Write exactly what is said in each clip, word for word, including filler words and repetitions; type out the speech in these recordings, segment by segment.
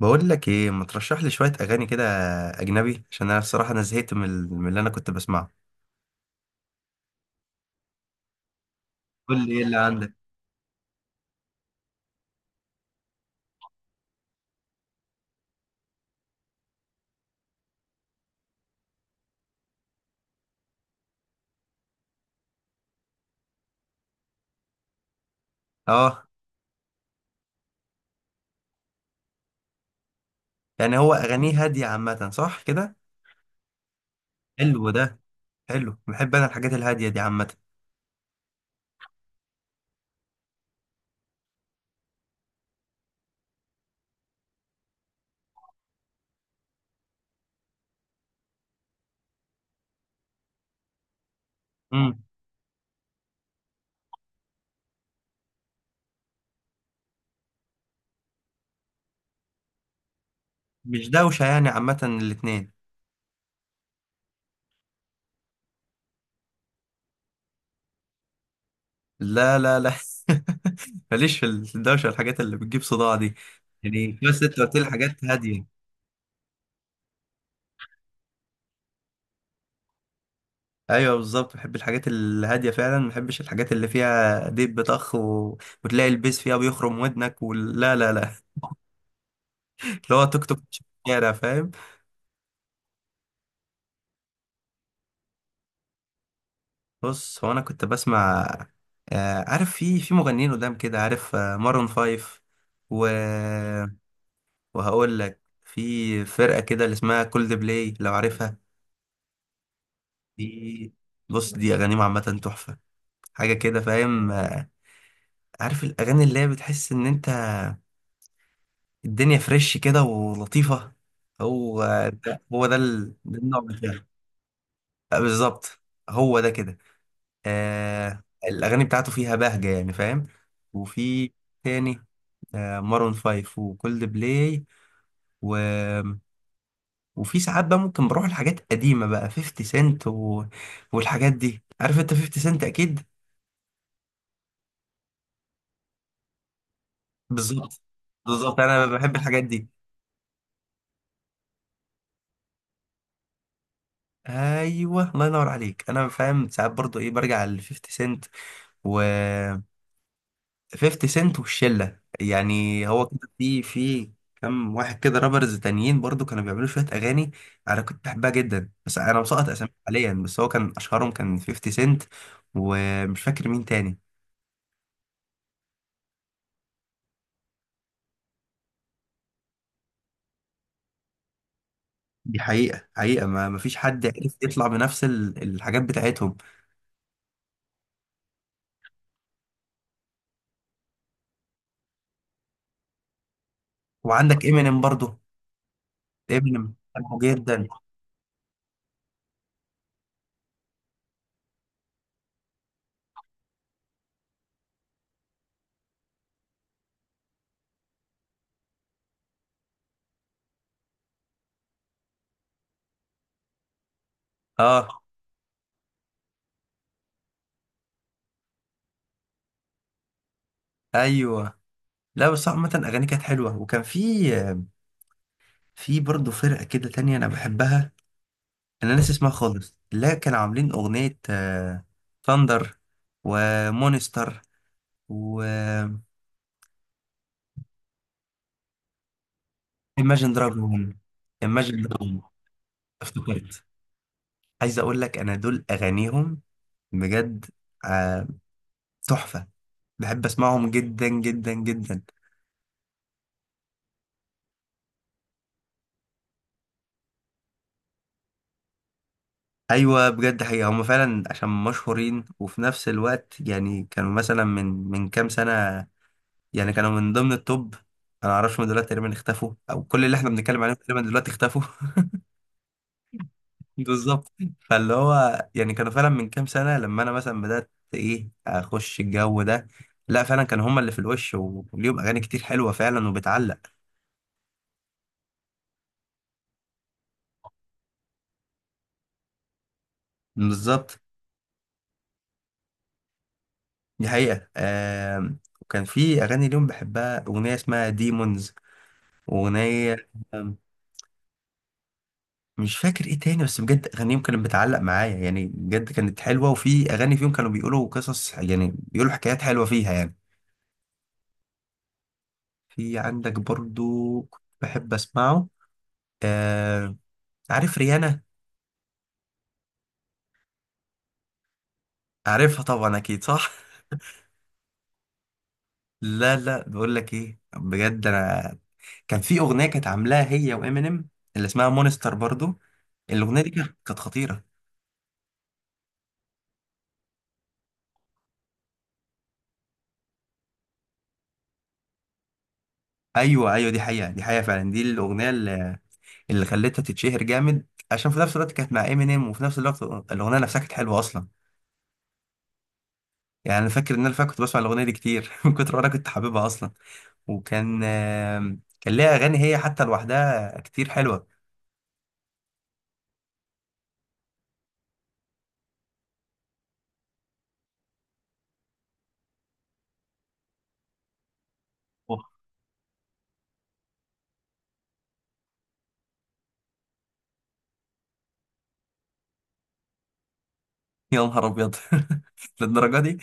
بقول لك ايه، ما ترشح لي شويه اغاني كده اجنبي؟ عشان انا الصراحه انا زهقت من ال- من اللي انا كنت بسمعه. قول لي ايه اللي عندك. اه، يعني هو اغانيه هاديه عامه، صح كده؟ حلو ده. حلو، بحب انا الحاجات الهاديه دي عامه. امم مش دوشه يعني عامه الاتنين؟ لا لا لا. ماليش في الدوشه والحاجات اللي بتجيب صداع دي. يعني بس انت قلت لي حاجات هاديه. ايوه بالظبط، بحب الحاجات الهاديه فعلا، ما بحبش الحاجات اللي فيها ديب بطخ و... وتلاقي البيس فيها بيخرم ودنك، ولا لا لا. اللي هو توك توك في الشارع، فاهم. بص، هو انا كنت بسمع آه عارف، في في مغنيين قدام كده، عارف آه مارون فايف و... وهقول لك في فرقة كده اللي اسمها كولد بلاي، لو عارفها. دي، بص، دي اغانيهم عامة تحفة. حاجة كده، فاهم؟ آه، عارف الاغاني اللي هي بتحس ان انت الدنيا فريش كده ولطيفة. هو ده، هو ده, ال... ده النوع بتاعي. آه، بالظبط، هو ده كده. آه، الأغاني بتاعته فيها بهجة يعني، فاهم. وفي تاني، آه مارون فايف وكولد بلاي و... وفي ساعات بقى ممكن بروح لحاجات قديمة بقى، فيفتي سنت و... والحاجات دي، عارف انت، فيفتي سنت أكيد. بالظبط، بالظبط، أنا بحب الحاجات دي. أيوه، الله ينور عليك، أنا فاهم. ساعات برضو إيه، برجع ل فيفتي سنت و... فيفتي سنت والشله. يعني هو كده في في كم واحد كده رابرز تانيين برضو كانوا بيعملوا شويه اغاني، انا كنت بحبها جدا، بس انا مسقط اسامي حاليا، بس هو كان اشهرهم كان خمسين سنت، ومش فاكر مين تاني. دي حقيقه، حقيقه، ما ما فيش حد عرف يطلع بنفس ال- الحاجات بتاعتهم. وعندك امينيم برضو، امينيم بحبه جدا. اه ايوه. لا بس عامه، اغاني كانت حلوه، وكان في، في برضه فرقه كده تانية انا بحبها، انا ناسي اسمها خالص، لا، كانوا عاملين اغنية ثاندر ومونستر و Imagine Dragon Imagine Dragon، افتكرت. عايز اقول لك، انا دول اغانيهم بجد، آه، تحفة، بحب اسمعهم جدا جدا جدا. ايوه بجد، حقيقة هم فعلا عشان مشهورين، وفي نفس الوقت يعني كانوا مثلا من من كام سنة، يعني كانوا من ضمن التوب. انا معرفش، هم دلوقتي تقريبا اختفوا، او كل اللي احنا بنتكلم عليهم تقريبا دلوقتي اختفوا. بالظبط. فاللي هو يعني كانوا فعلا من كام سنة، لما أنا مثلا بدأت إيه، أخش الجو ده، لا فعلا كانوا هما اللي في الوش، وليهم أغاني كتير حلوة فعلا وبتعلق. بالظبط. دي حقيقة. آم، وكان في أغاني ليهم بحبها، أغنية اسمها ديمونز وأغنية، آم، مش فاكر إيه تاني، بس بجد أغانيهم كانت بتعلق معايا يعني، بجد كانت حلوة، وفي أغاني فيهم كانوا بيقولوا قصص، يعني بيقولوا حكايات حلوة فيها يعني. في عندك برضو كنت بحب أسمعه، آه، عارف ريانا؟ عارفها طبعا، اكيد صح. لا لا، بقول لك ايه بجد، انا كان في اغنيه كانت عاملاها هي وامينيم، اللي اسمها مونستر برضو، الاغنيه دي كانت، كانت خطيره. ايوه ايوه، دي حقيقه، دي حقيقه فعلا، دي الاغنيه اللي, اللي خلتها تتشهر جامد، عشان في نفس الوقت كانت مع امينيم، وفي نفس الوقت الاغنيه نفسها كانت حلوه اصلا. يعني انا فاكر ان انا فاكر كنت بسمع الاغنيه دي كتير من كتر ما انا كنت حاببها اصلا. وكان آم، كان ليها اغاني هي حتى لوحدها كتير حلوه. أوه، يا نهار ابيض. للدرجه دي؟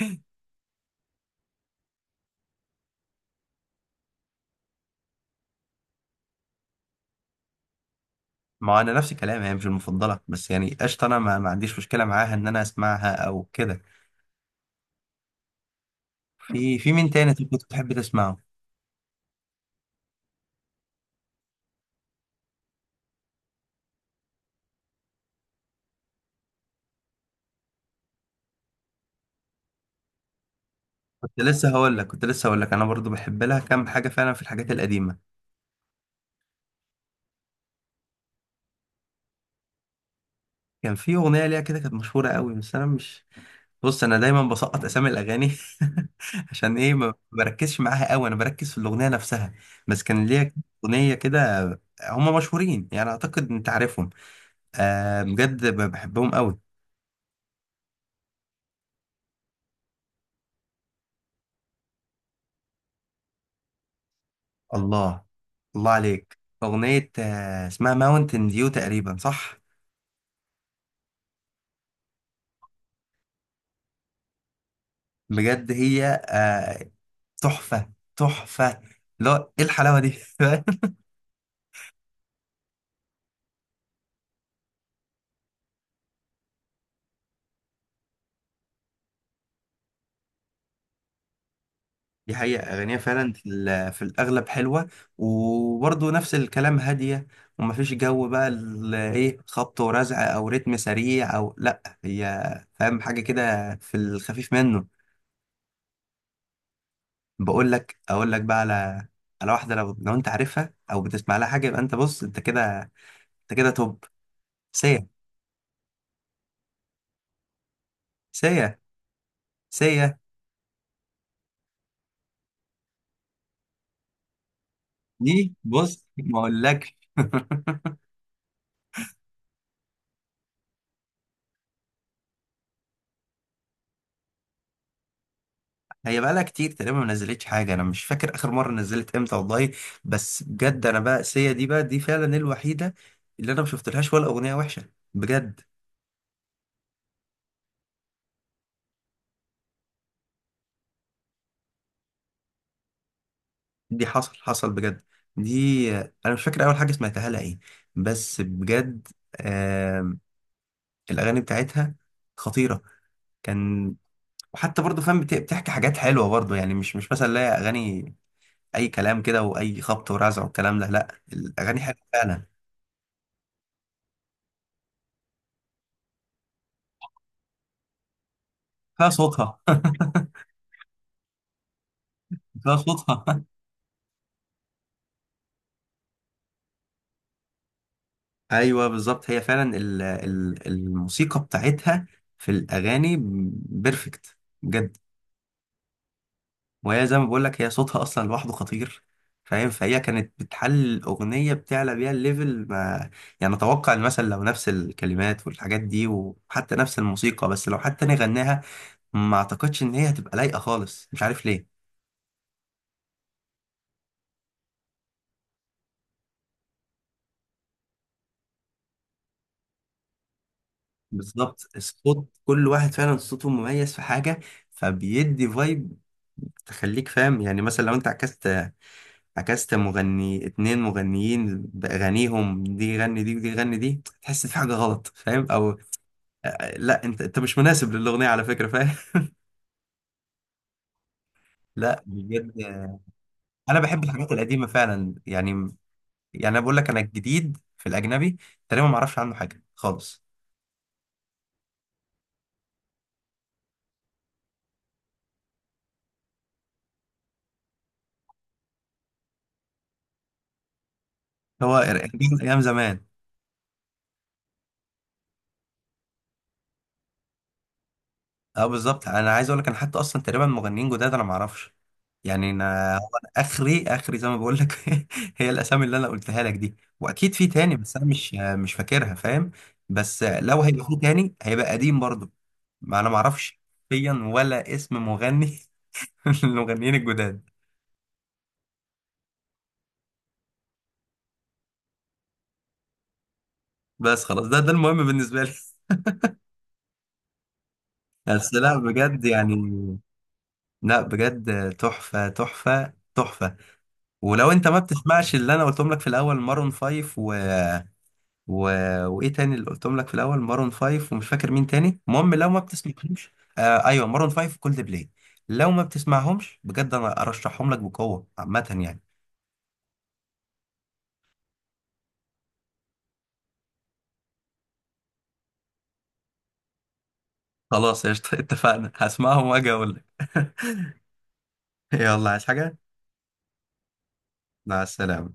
ما انا نفس الكلام، هي مش المفضله، بس يعني قشطه، انا ما, ما عنديش مشكله معاها ان انا اسمعها او كده. في، في مين تاني طب كنت بتحب تسمعه؟ كنت لسه هقول لك، كنت لسه هقول لك، انا برضو بحب لها كام حاجه فعلا في الحاجات القديمه. كان في اغنيه ليها كده كانت مشهوره قوي، بس انا مش، بص انا دايما بسقط اسامي الاغاني عشان ايه، ما بركزش معاها قوي، انا بركز في الاغنيه نفسها. بس كان ليها اغنيه كده، هم مشهورين يعني، اعتقد انت عارفهم. أه بجد، بحبهم قوي. الله، الله عليك. أغنية آه، اسمها ماونتن ديو تقريبا، صح؟ بجد هي آه، تحفة، تحفة، لا ايه الحلاوة دي! دي حقيقة، أغانيها فعلا في ال- في الأغلب حلوة، وبرضه نفس الكلام، هادية، ومفيش جو بقى ال- إيه، خبط ورزع أو رتم سريع، أو لأ، هي فاهم، حاجة كده في الخفيف منه. بقول لك، أقول لك بقى على، على واحدة، لو لو أنت عارفها أو بتسمع لها حاجة، يبقى أنت بص، أنت كده، أنت كده توب. سيا. سيا. سيا. دي، بص، ما اقولكش. هي بقالها كتير تقريبا ما نزلتش حاجه، انا مش فاكر اخر مره نزلت امتى والله. بس بجد انا بقى، سيا دي بقى، دي فعلا الوحيده اللي انا ما شفتلهاش ولا اغنيه وحشه بجد. دي حصل، حصل بجد، دي انا مش فاكر اول حاجه سمعتها لها ايه، بس بجد، آم... الاغاني بتاعتها خطيره. كان، وحتى برضه فاهم، بت- بتحكي حاجات حلوه برضه يعني، مش، مش مثلا لا، اغاني اي كلام كده، واي خبط ورزع والكلام ده، لا، الاغاني حلوه فعلا. فيها صوتها. فيها صوتها. ايوه بالظبط، هي فعلا ال- ال- الموسيقى بتاعتها في الاغاني بيرفكت، بجد. وهي زي ما بقول لك، هي صوتها اصلا لوحده خطير، فاهم. فهي كانت بتحل الاغنيه، بتعلى بيها الليفل ما، يعني اتوقع ان مثلا لو نفس الكلمات والحاجات دي، وحتى نفس الموسيقى، بس لو حتى انا غناها، ما اعتقدش ان هي هتبقى لايقه خالص، مش عارف ليه. بالظبط، الصوت، كل واحد فعلا صوته مميز في حاجة، فبيدي فايب، تخليك فاهم يعني. مثلا لو انت عكست، عكست مغني، اتنين مغنيين بأغانيهم، دي غني دي ودي غني دي، تحس في حاجة غلط، فاهم، او آه، آه، لا انت، انت مش مناسب للأغنية على فكرة، فاهم. لا بجد آه، انا بحب الحاجات القديمة فعلا يعني. يعني انا بقول لك، انا الجديد في الأجنبي تقريبا ما اعرفش عنه حاجة خالص. هو ايام زمان. اه بالظبط، انا عايز اقول لك، انا حتى اصلا تقريبا مغنيين جداد انا ما اعرفش، يعني انا هو، أنا اخري اخري زي ما بقول لك. هي الاسامي اللي انا قلتها لك دي، واكيد في تاني بس انا مش، مش فاكرها، فاهم. بس لو هيبقى في تاني هيبقى قديم برضه، ما انا ما اعرفش فيا ولا اسم مغني من المغنيين الجداد. بس خلاص، ده ده المهم بالنسبه لي. بس لا بجد يعني، لا بجد، تحفه تحفه تحفه. ولو انت ما بتسمعش اللي انا قلتهم لك في الاول، مارون فايف و، و... وايه تاني اللي قلتهم لك في الاول؟ مارون فايف ومش فاكر مين تاني، المهم لو ما بتسمعهمش، آه ايوه، مارون فايف وكولد بلاي، لو ما بتسمعهمش بجد انا ارشحهم لك بقوه عامه يعني. خلاص قشطة. اتفقنا، هسمعهم واجي اقول لك. يلا، عايز حاجه؟ مع السلامه.